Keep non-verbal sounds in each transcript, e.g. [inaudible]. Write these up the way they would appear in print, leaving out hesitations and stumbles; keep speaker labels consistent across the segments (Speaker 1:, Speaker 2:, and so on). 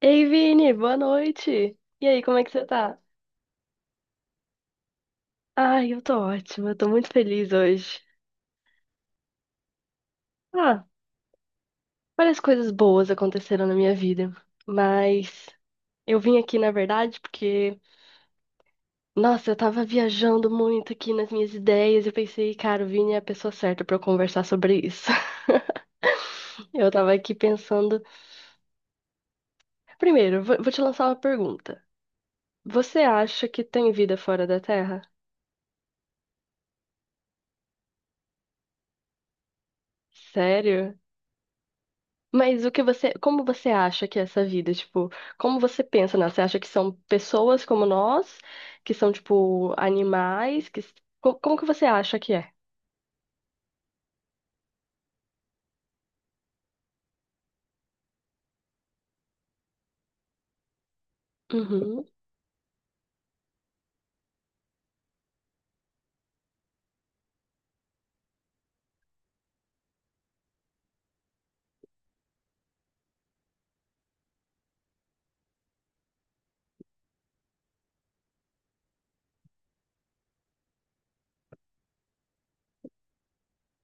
Speaker 1: Ei, Vini, boa noite! E aí, como é que você tá? Ai, eu tô ótima, eu tô muito feliz hoje. Ah, várias coisas boas aconteceram na minha vida, mas eu vim aqui, na verdade, porque, nossa, eu tava viajando muito aqui nas minhas ideias e eu pensei, cara, o Vini é a pessoa certa pra eu conversar sobre isso. [laughs] Eu tava aqui pensando. Primeiro, vou te lançar uma pergunta. Você acha que tem vida fora da Terra? Sério? Mas o que você, como você acha que é essa vida? Tipo, como você pensa nela? Você acha que são pessoas como nós, que são, tipo, animais? Que... Como, que você acha que é? Uhum,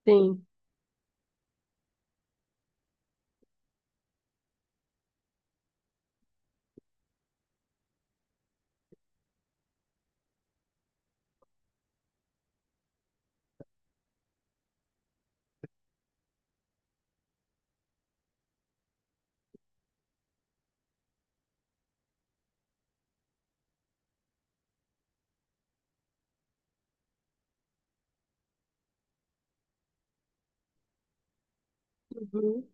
Speaker 1: sim. Uhum,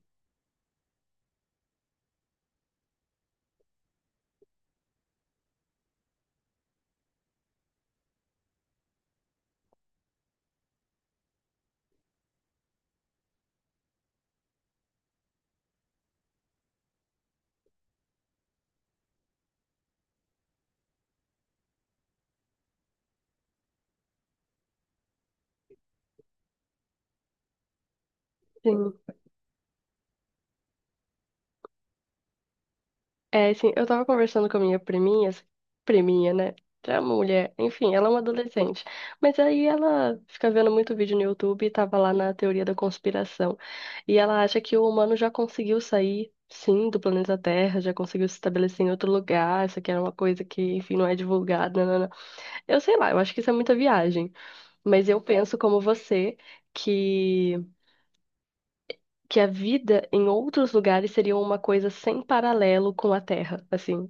Speaker 1: sim. É, assim, eu tava conversando com a minha priminha, assim, priminha, né? É uma mulher, enfim, ela é uma adolescente. Mas aí ela fica vendo muito vídeo no YouTube e tava lá na teoria da conspiração. E ela acha que o humano já conseguiu sair, sim, do planeta Terra, já conseguiu se estabelecer em outro lugar. Isso aqui era uma coisa que, enfim, não é divulgada. Nanana. Eu sei lá, eu acho que isso é muita viagem. Mas eu penso como você que que a vida em outros lugares seria uma coisa sem paralelo com a Terra, assim.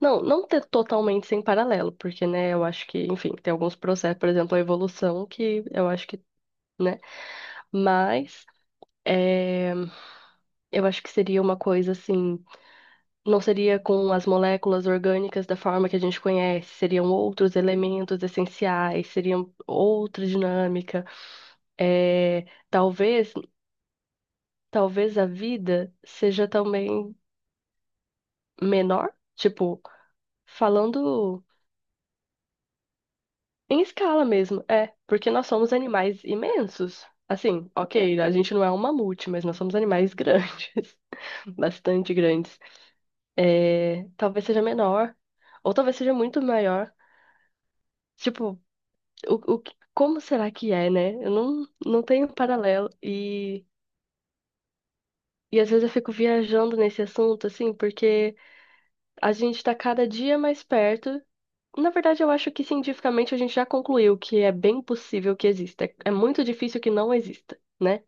Speaker 1: Não, não ter totalmente sem paralelo, porque, né, eu acho que, enfim, tem alguns processos, por exemplo, a evolução, que eu acho que, né, mas é, eu acho que seria uma coisa assim, não seria com as moléculas orgânicas da forma que a gente conhece, seriam outros elementos essenciais, seriam outra dinâmica. É, talvez, talvez a vida seja também menor, tipo, falando. Em escala mesmo, é, porque nós somos animais imensos. Assim, ok, a gente não é um mamute, mas nós somos animais grandes, [laughs] bastante grandes. É, talvez seja menor, ou talvez seja muito maior. Tipo, como será que é, né? Eu não, não tenho paralelo. E às vezes eu fico viajando nesse assunto, assim, porque a gente tá cada dia mais perto. Na verdade, eu acho que cientificamente a gente já concluiu que é bem possível que exista. É é muito difícil que não exista, né?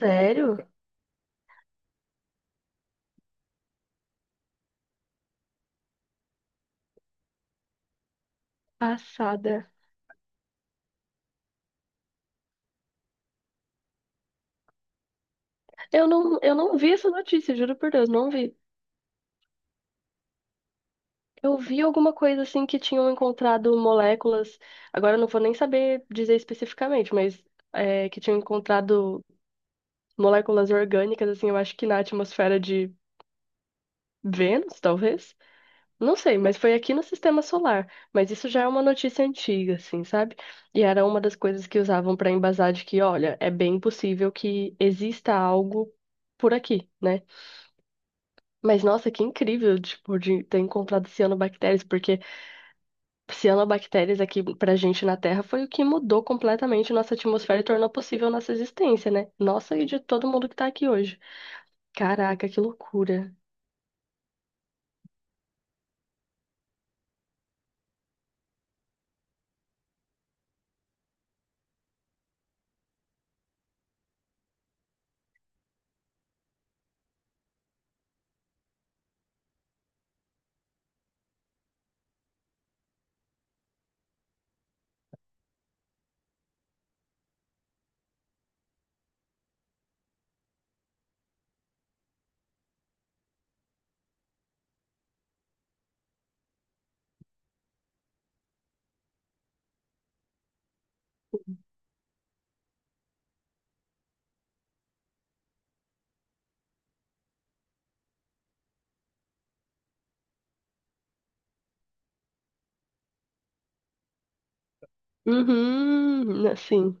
Speaker 1: Sério? Passada. Eu não vi essa notícia, juro por Deus, não vi. Eu vi alguma coisa assim que tinham encontrado moléculas, agora eu não vou nem saber dizer especificamente, mas é, que tinham encontrado moléculas orgânicas, assim, eu acho que na atmosfera de Vênus, talvez. Não sei, mas foi aqui no sistema solar. Mas isso já é uma notícia antiga, assim, sabe? E era uma das coisas que usavam para embasar de que, olha, é bem possível que exista algo por aqui, né? Mas nossa, que incrível, tipo, de ter encontrado cianobactérias, porque cianobactérias aqui pra gente na Terra foi o que mudou completamente nossa atmosfera e tornou possível nossa existência, né? Nossa e de todo mundo que tá aqui hoje. Caraca, que loucura. Uhum, assim,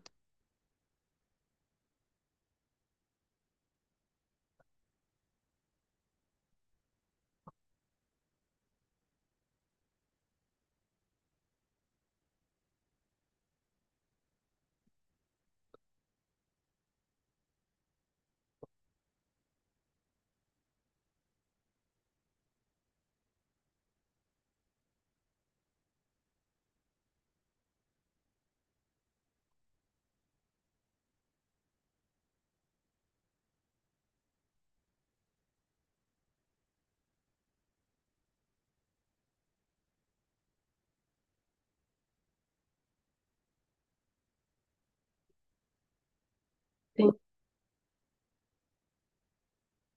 Speaker 1: sim,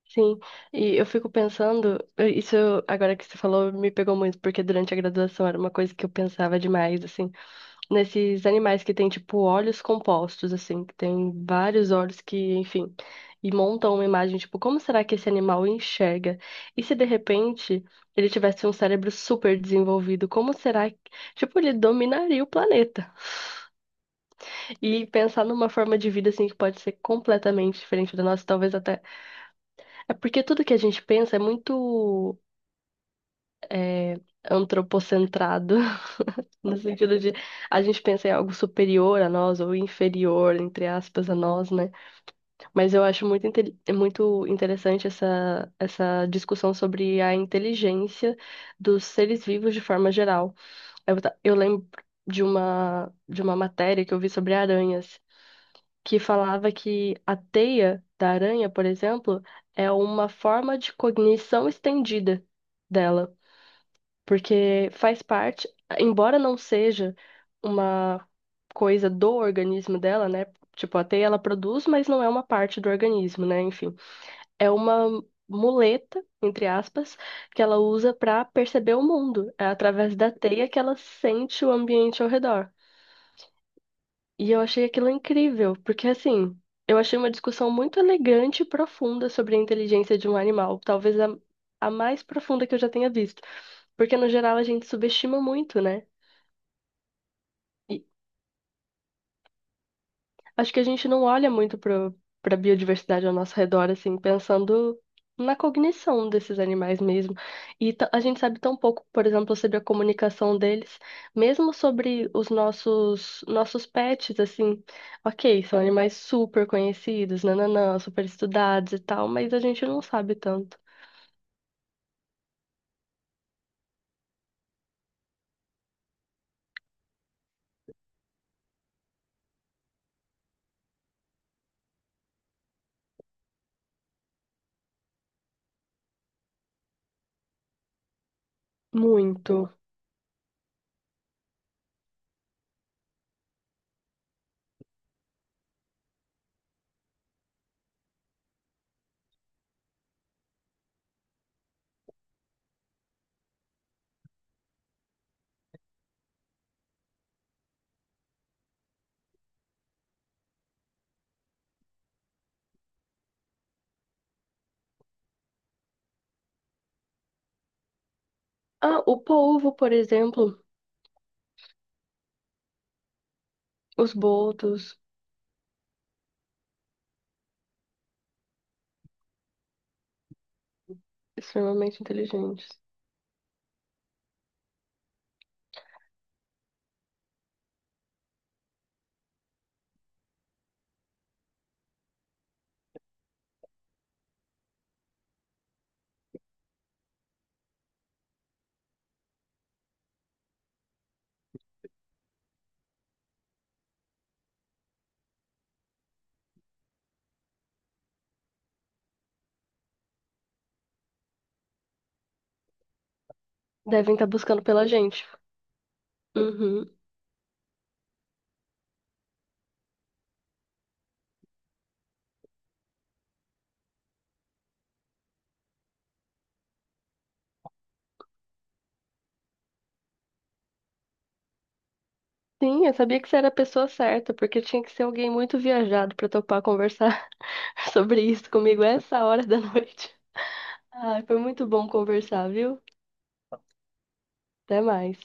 Speaker 1: sim. E eu fico pensando, isso agora que você falou me pegou muito, porque durante a graduação era uma coisa que eu pensava demais, assim. Nesses animais que tem, tipo, olhos compostos, assim, que tem vários olhos que, enfim, e montam uma imagem, tipo, como será que esse animal enxerga? E se de repente ele tivesse um cérebro super desenvolvido, como será que, tipo, ele dominaria o planeta? E pensar numa forma de vida, assim, que pode ser completamente diferente da nossa, talvez até. É porque tudo que a gente pensa é muito. É, antropocentrado. No sentido de a gente pensa em algo superior a nós ou inferior, entre aspas, a nós, né? Mas eu acho muito, é muito interessante essa, essa discussão sobre a inteligência dos seres vivos de forma geral. Eu, eu lembro de uma matéria que eu vi sobre aranhas, que falava que a teia da aranha, por exemplo, é uma forma de cognição estendida dela porque faz parte, embora não seja uma coisa do organismo dela, né? Tipo, a teia ela produz, mas não é uma parte do organismo, né? Enfim, é uma muleta, entre aspas, que ela usa para perceber o mundo. É através da teia que ela sente o ambiente ao redor. E eu achei aquilo incrível, porque assim, eu achei uma discussão muito elegante e profunda sobre a inteligência de um animal, talvez a mais profunda que eu já tenha visto. Porque no geral a gente subestima muito, né? Acho que a gente não olha muito para biodiversidade ao nosso redor, assim, pensando na cognição desses animais mesmo. E a gente sabe tão pouco, por exemplo, sobre a comunicação deles, mesmo sobre os nossos pets, assim. Ok, são animais super conhecidos, nananã, super estudados e tal, mas a gente não sabe tanto. Muito. Ah, o polvo, por exemplo, os botos, extremamente inteligentes, devem estar buscando pela gente. Uhum. Sim, eu sabia que você era a pessoa certa, porque tinha que ser alguém muito viajado pra topar conversar [laughs] sobre isso comigo essa hora da noite. Ah, foi muito bom conversar, viu? Até mais.